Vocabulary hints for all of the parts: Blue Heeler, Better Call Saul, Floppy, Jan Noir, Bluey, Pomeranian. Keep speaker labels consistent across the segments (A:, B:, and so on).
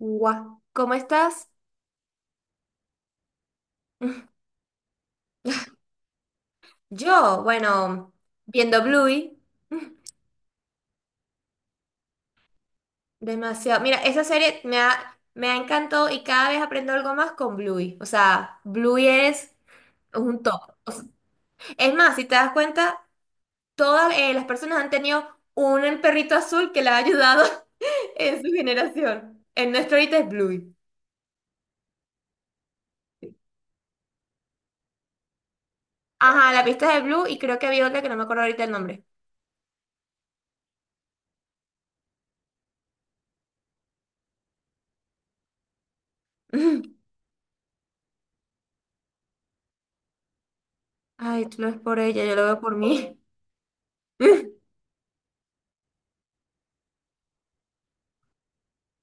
A: Guau, ¿cómo estás? Yo, bueno, viendo Bluey, demasiado. Mira, esa serie me ha encantado y cada vez aprendo algo más con Bluey. O sea, Bluey es un top. Es más, si te das cuenta, todas las personas han tenido un perrito azul que le ha ayudado en su generación. El nuestro ahorita es Bluey. Ajá, la pista de Blue y creo que había otra que no me acuerdo ahorita el nombre. Ay, tú lo ves por ella, yo lo veo por mí.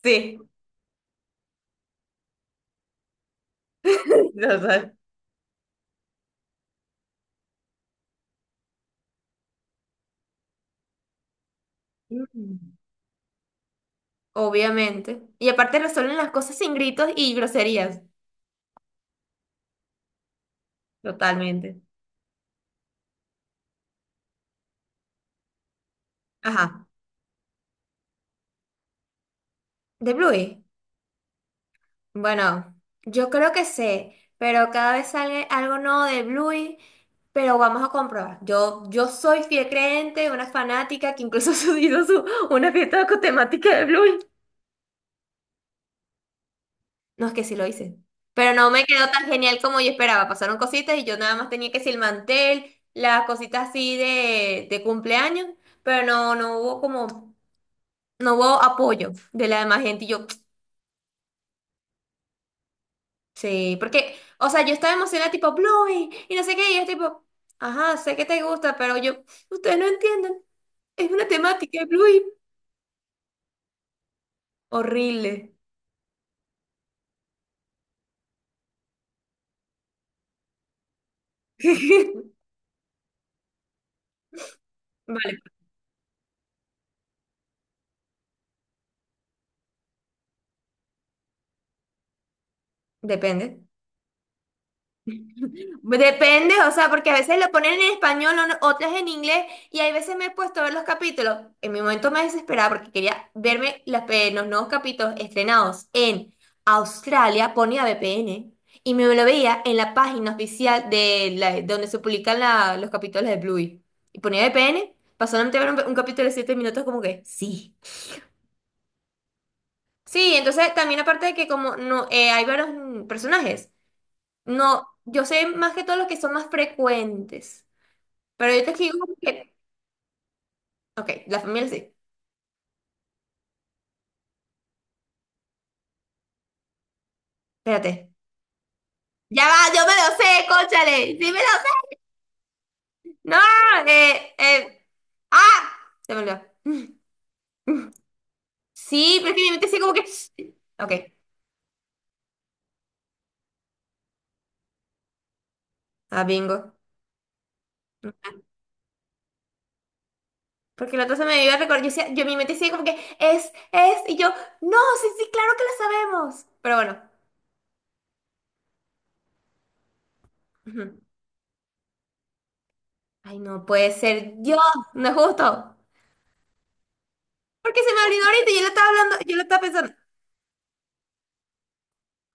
A: Sí, total. Mm. Obviamente. Y aparte resuelven las cosas sin gritos y groserías. Totalmente. Ajá. De Bluey. Bueno, yo creo que sé, pero cada vez sale algo nuevo de Bluey, pero vamos a comprobar. Yo soy fiel creyente, una fanática que incluso hizo su, una fiesta con temática de Bluey. No, es que sí lo hice. Pero no me quedó tan genial como yo esperaba. Pasaron cositas y yo nada más tenía que decir el mantel, las cositas así de cumpleaños, pero no hubo como... no hubo apoyo de la demás gente. Y yo, sí, porque, o sea, yo estaba emocionada, tipo, Bluey, y no sé qué, y es tipo, ajá, sé que te gusta, pero yo, ustedes no entienden, es una temática de Bluey horrible. Vale, depende. Depende, o sea, porque a veces lo ponen en español, o- otras en inglés, y hay veces me he puesto a ver los capítulos. En mi momento me desesperaba porque quería verme las pe- los nuevos capítulos estrenados en Australia, ponía VPN, y me lo veía en la página oficial de la- donde se publican la- los capítulos de Bluey. Y ponía VPN, pasó solamente a ver un capítulo de 7 minutos como que, sí. Sí, entonces también aparte de que como no hay varios personajes, no, yo sé más que todos los que son más frecuentes. Pero yo te escribo porque... Ok, la familia sí. Espérate. Ya va, yo me lo sé, cónchale. Sí me lo sé. No, eh. ¡Ah! Se me olvidó. Sí, pero es que mi mente sigue como que... Ok, ah, bingo. Porque la otra se me iba a recordar. Yo, decía- yo mi mente sigue como que es. Y yo, no, sí, sí, claro que lo sabemos. Pero bueno. Ujú. Ay, no puede ser. Dios, no es justo. Porque se me olvidó ahorita y yo lo estaba hablando, yo lo estaba pensando.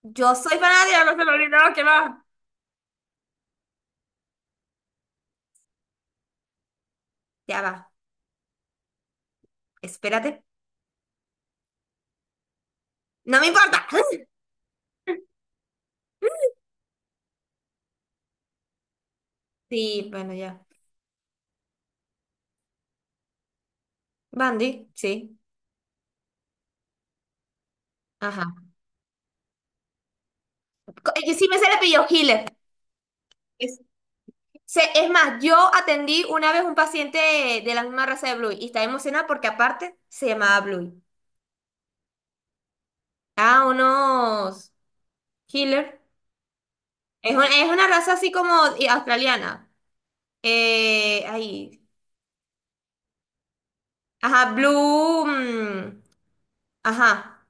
A: Yo soy fanática, no se me olvidó, ¿qué va? Ya va. Espérate. No me importa. Sí, bueno, ya. Bandy, sí. Ajá. Co- Es que sí me sé el apellido Hiller. Es, sé- es más, yo atendí una vez un paciente de la misma raza de Bluey y estaba emocionada porque aparte se llamaba Bluey. Ah, unos Hiller. Es, un- es una raza así como y- australiana. Ahí. Ajá, Blue. Ajá.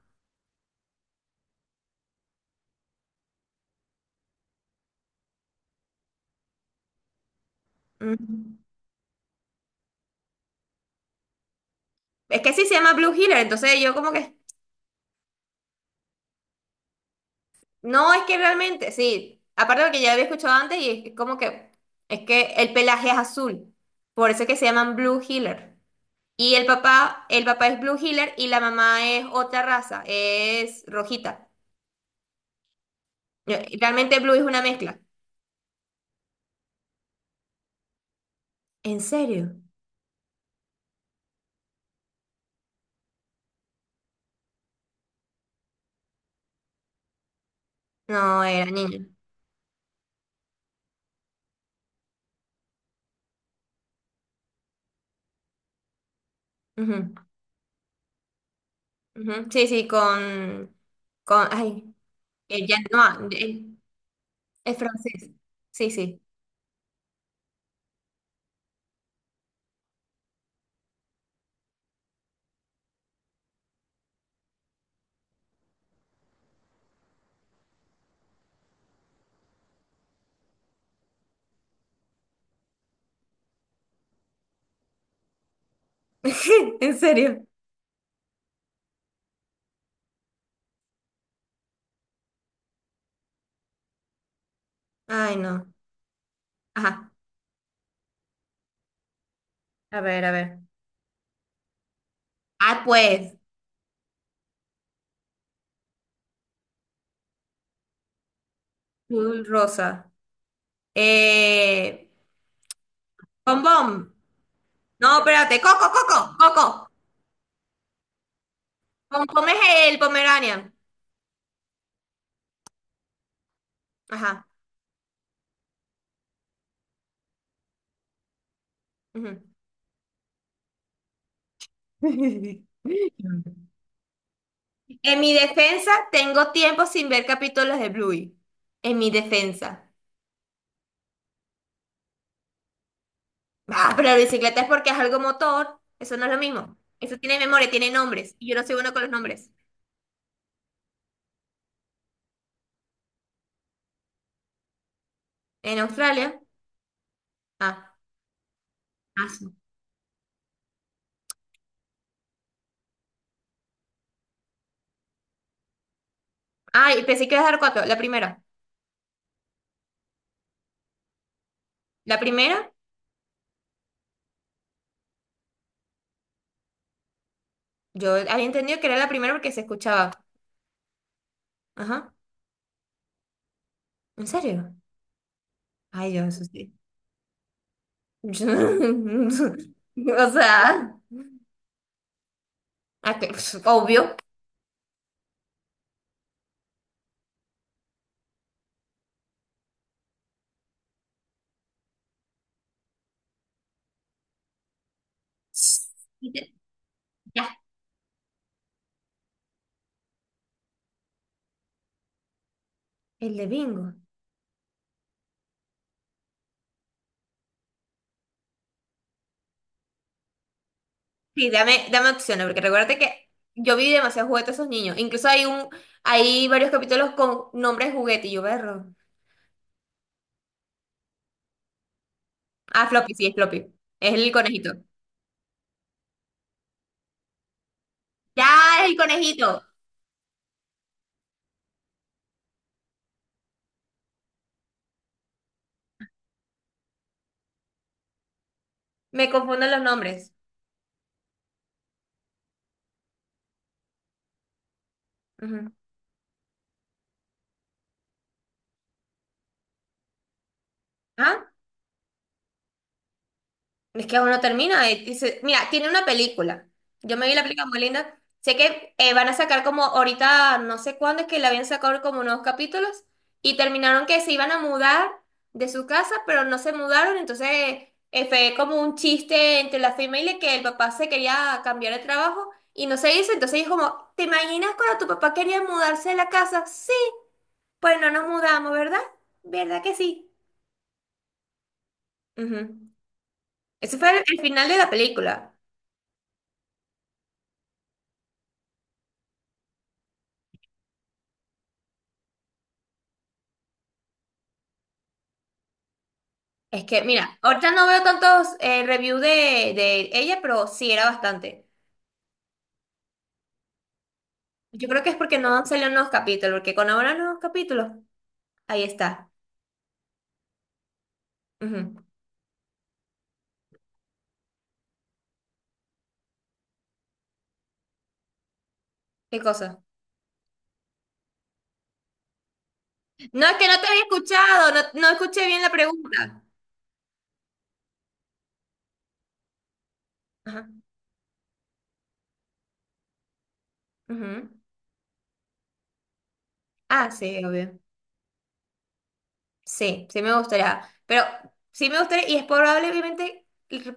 A: Mm. Es que sí se llama Blue Healer. Entonces yo como que. No, es que realmente, sí. Aparte de que ya había escuchado antes, y es que como que es que el pelaje es azul. Por eso es que se llaman Blue Heeler. Y el papá es Blue Heeler y la mamá es otra raza, es rojita. Y realmente Blue es una mezcla. ¿En serio? No, era niña. Ujú, ujú. Sí, sí, con, ay, el Jan Noir, el- es francés. Sí, sí. ¿En serio? Ay, no. Ajá. A ver, a ver. Ah, pues. Azul rosa. Eh, bombón. No, espérate. Coco, coco, coco. Bombón es el Pomeranian. Ajá. Ujú. En mi defensa, tengo tiempo sin ver capítulos de Bluey. En mi defensa. Ah, pero la bicicleta es porque es algo motor. Eso no es lo mismo. Eso tiene memoria, tiene nombres. Y yo no soy bueno con los nombres. En Australia. Ah, ah, ah, y pensé que iba a dar cuatro. La primera. La primera, yo había entendido que era la primera porque se escuchaba. Ajá. ¿En serio? Ay, yo eso sí. O sea, ah, que- pf, obvio. Ya, el de bingo. Sí, dame, dame opciones, porque recuérdate que yo vi demasiados juguetes a esos niños. Incluso hay un, hay varios capítulos con nombres de juguete y yo berro. Ah, Floppy, sí, es Floppy. Es el conejito. Ya, es el conejito. Me confunden los nombres. Ujú. ¿Ah? Es que aún no termina. Dice- mira, tiene una película. Yo me vi la película muy linda. Sé que van a sacar como ahorita, no sé cuándo es que la habían sacado como unos capítulos y terminaron que se iban a mudar de su casa, pero no se mudaron. Entonces fue como un chiste entre la familia que el papá se quería cambiar de trabajo y no se hizo. Entonces es como, ¿te imaginas cuando tu papá quería mudarse de la casa? Sí, pues no nos mudamos, ¿verdad? ¿Verdad que sí? Ujú. Ese fue el final de la película. Es que, mira, ahorita no veo tantos reviews de ella, pero sí era bastante. Yo creo que es porque no salieron nuevos capítulos, porque cuando habrá nuevos capítulos, ahí está. Ujú. ¿Qué cosa? No, es que no te había escuchado, no, no escuché bien la pregunta. Ajá. Ujú. Ah, sí, obvio. Sí, sí me gustaría. Pero sí me gustaría, y es probable, obviamente,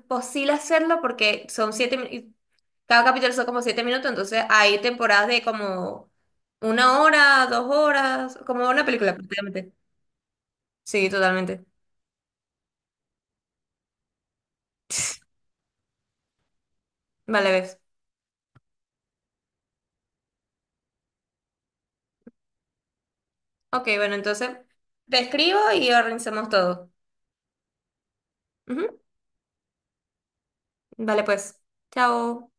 A: posible hacerlo porque son 7 minutos. Cada capítulo son como 7 minutos, entonces hay temporadas de como 1 hora, 2 horas, como una película prácticamente. Sí, totalmente. Vale, ves. Ok, bueno, entonces te escribo y organizamos todo. Ujú. Vale, pues. Chao.